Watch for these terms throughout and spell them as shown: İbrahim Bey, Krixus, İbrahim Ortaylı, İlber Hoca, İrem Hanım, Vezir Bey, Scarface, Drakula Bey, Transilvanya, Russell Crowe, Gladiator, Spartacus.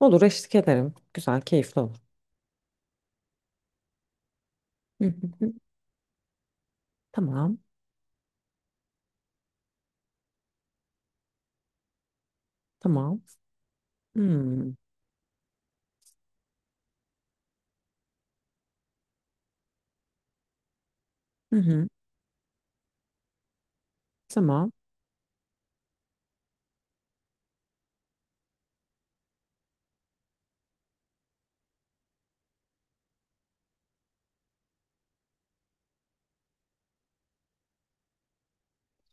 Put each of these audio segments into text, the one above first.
Olur eşlik ederim. Güzel, keyifli olur. Hı hı hı. Tamam. Tamam. Hmm. Hı hı. Tamam.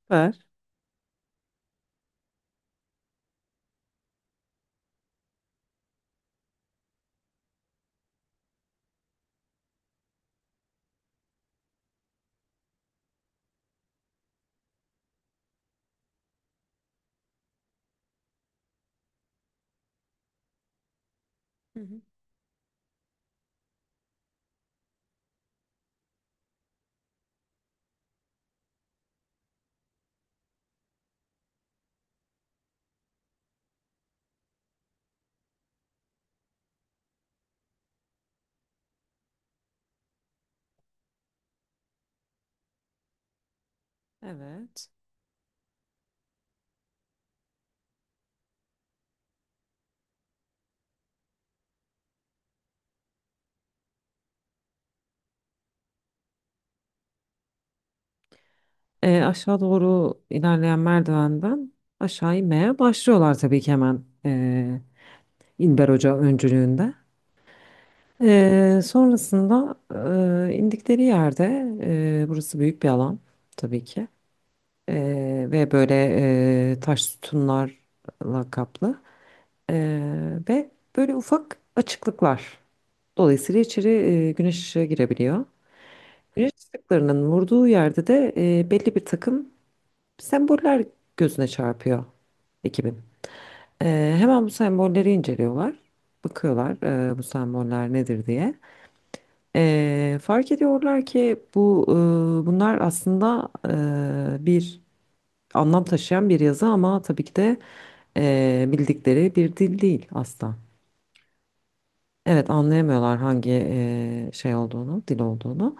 Ver. Hı hı. Evet. Aşağı doğru ilerleyen merdivenden aşağı inmeye başlıyorlar tabii ki hemen İlber Hoca öncülüğünde. Sonrasında indikleri yerde burası büyük bir alan tabii ki. Ve böyle taş sütunlarla kaplı. Ve böyle ufak açıklıklar. Dolayısıyla içeri güneş ışığı girebiliyor. Güneş ışıklarının vurduğu yerde de belli bir takım semboller gözüne çarpıyor ekibin. Hemen bu sembolleri inceliyorlar. Bakıyorlar bu semboller nedir diye. Fark ediyorlar ki bu bunlar aslında bir anlam taşıyan bir yazı ama tabii ki de bildikleri bir dil değil asla. Evet, anlayamıyorlar hangi şey olduğunu, dil olduğunu.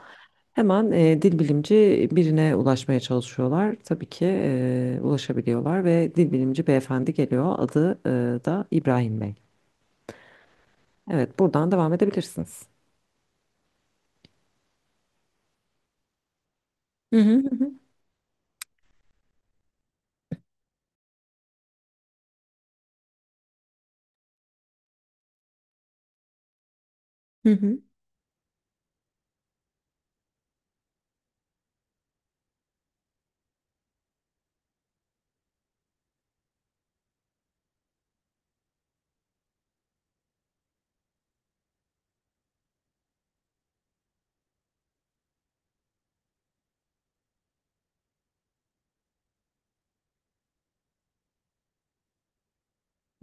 Hemen dil bilimci birine ulaşmaya çalışıyorlar. Tabii ki ulaşabiliyorlar ve dil bilimci beyefendi geliyor. Adı da İbrahim Bey. Evet, buradan devam edebilirsiniz. Hı hı hı hı. Hı hı.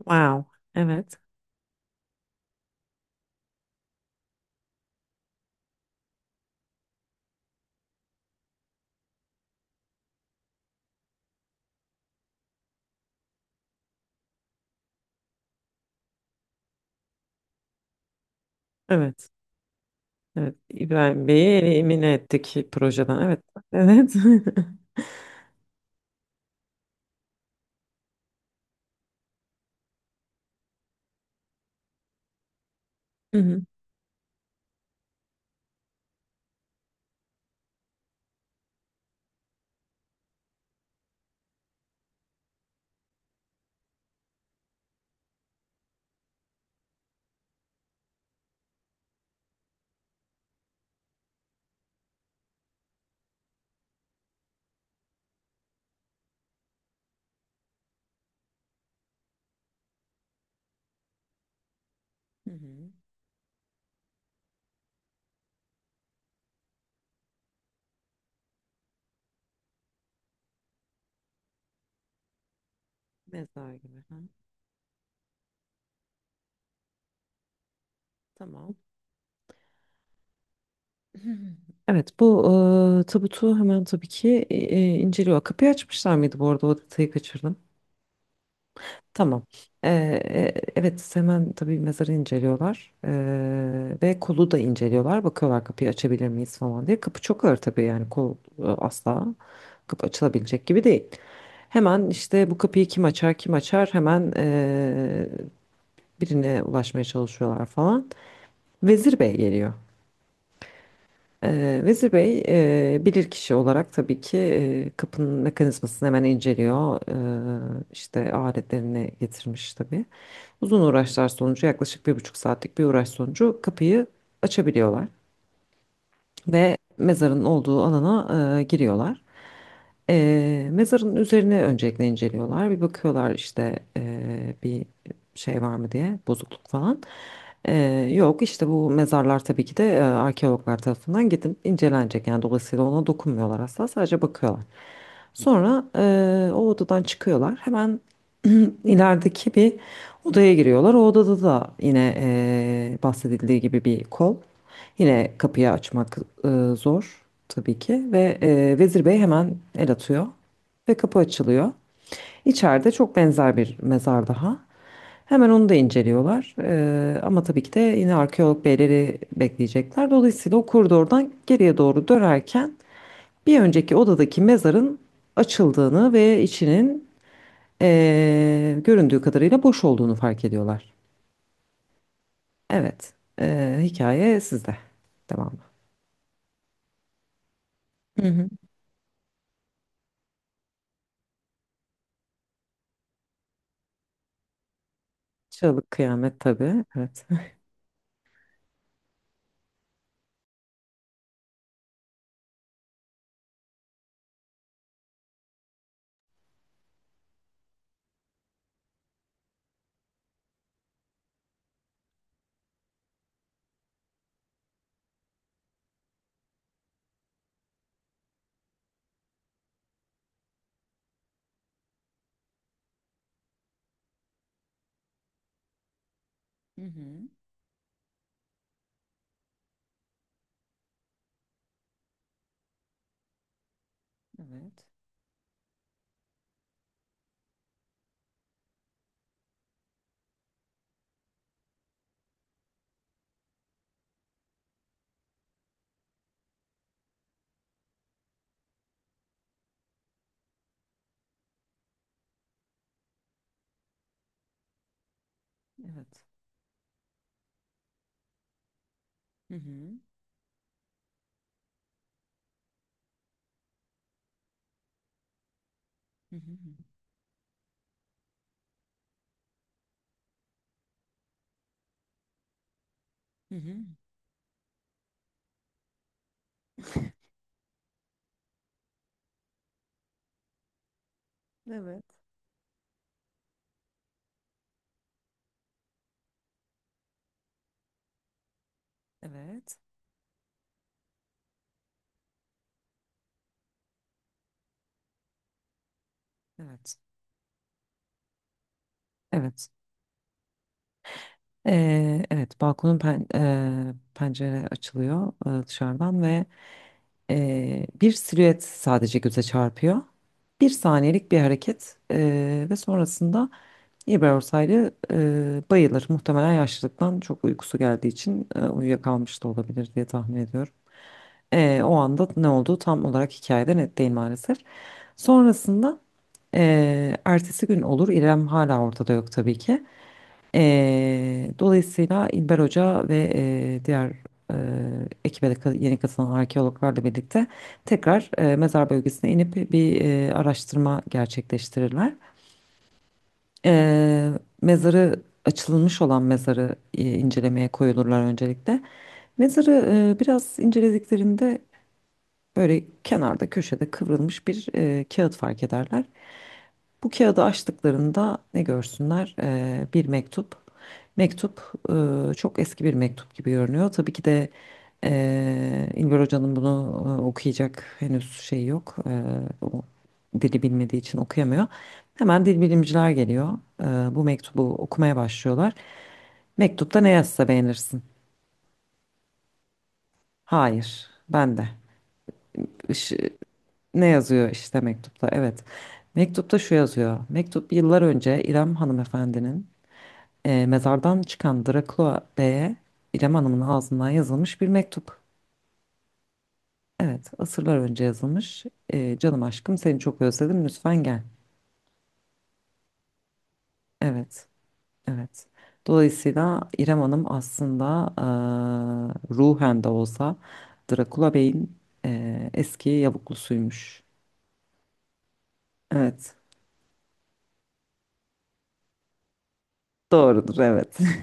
Wow. Evet. Evet. Evet. İbrahim Bey'i elimine ettik projeden. Evet. Evet. Hı hı. Hı hı. Mezar gibi. Ha. Tamam. Evet, bu tabutu hemen tabii ki inceliyor. Kapıyı açmışlar mıydı bu arada? O detayı kaçırdım. Tamam. Evet, hemen tabii mezarı inceliyorlar. Ve kolu da inceliyorlar. Bakıyorlar kapıyı açabilir miyiz falan diye. Kapı çok ağır tabii yani kol asla kapı açılabilecek gibi değil. Hemen işte bu kapıyı kim açar kim açar hemen birine ulaşmaya çalışıyorlar falan. Vezir Bey geliyor. Vezir Bey bilir kişi olarak tabii ki kapının mekanizmasını hemen inceliyor. İşte aletlerini getirmiş tabii. Uzun uğraşlar sonucu yaklaşık 1,5 saatlik bir uğraş sonucu kapıyı açabiliyorlar ve mezarın olduğu alana giriyorlar. Mezarın üzerine öncelikle inceliyorlar. Bir bakıyorlar işte bir şey var mı diye bozukluk falan. E, Yok işte bu mezarlar tabii ki de arkeologlar tarafından gidip incelenecek. Yani dolayısıyla ona dokunmuyorlar asla sadece bakıyorlar. Sonra o odadan çıkıyorlar. Hemen ilerideki bir odaya giriyorlar. O odada da yine bahsedildiği gibi bir kol. Yine kapıyı açmak e, zor tabii ki ve Vezir Bey hemen el atıyor ve kapı açılıyor. İçeride çok benzer bir mezar daha. Hemen onu da inceliyorlar. Ama tabii ki de yine arkeolog beyleri bekleyecekler. Dolayısıyla o koridordan geriye doğru dönerken bir önceki odadaki mezarın açıldığını ve içinin göründüğü kadarıyla boş olduğunu fark ediyorlar. Evet, hikaye sizde. Devam. Hı hı. Çığlık kıyamet tabii. Evet. Hı hı. Evet. Evet. Hı hı. Hı hı. Hı hı. Evet. Evet. Evet. Evet. Evet. Balkonun pencere açılıyor dışarıdan ve bir silüet sadece göze çarpıyor. Bir saniyelik bir hareket ve sonrasında İbrahim Ortaylı bayılır. Muhtemelen yaşlılıktan çok uykusu geldiği için uyuyakalmış da olabilir diye tahmin ediyorum. O anda ne olduğu tam olarak hikayede net değil maalesef. Sonrasında ertesi gün olur. İrem hala ortada yok tabii ki. Dolayısıyla İlber Hoca ve diğer ee, ekibe de yeni katılan arkeologlarla birlikte tekrar mezar bölgesine inip bir araştırma gerçekleştirirler. Ee, mezarı Açılmış olan mezarı incelemeye koyulurlar öncelikle. Mezarı biraz incelediklerinde böyle kenarda köşede kıvrılmış bir kağıt fark ederler. Bu kağıdı açtıklarında ne görsünler? Bir mektup. Mektup çok eski bir mektup gibi görünüyor. Tabii ki de İlber Hoca'nın bunu okuyacak henüz şey yok. O dili bilmediği için okuyamıyor. Hemen dil bilimciler geliyor. Bu mektubu okumaya başlıyorlar. Mektupta ne yazsa beğenirsin? Hayır, ben de. Ne yazıyor işte mektupta? Evet. Mektupta şu yazıyor. Mektup yıllar önce İrem hanımefendinin mezardan çıkan Drakula Bey'e İrem Hanım'ın ağzından yazılmış bir mektup. Evet, asırlar önce yazılmış. Canım aşkım seni çok özledim lütfen gel. Evet, evet. Dolayısıyla İrem Hanım aslında ruhen de olsa Drakula Bey'in eski yavuklusuymuş. Evet, doğrudur evet.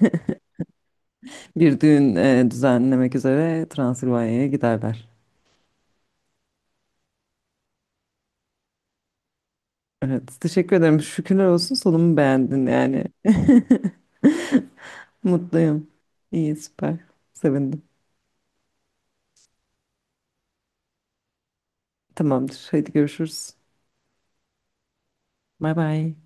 Bir düğün düzenlemek üzere Transilvanya'ya giderler. Evet, teşekkür ederim. Şükürler olsun sonumu beğendin yani. Mutluyum. İyi, süper. Sevindim. Tamamdır. Hadi görüşürüz. Bay bay.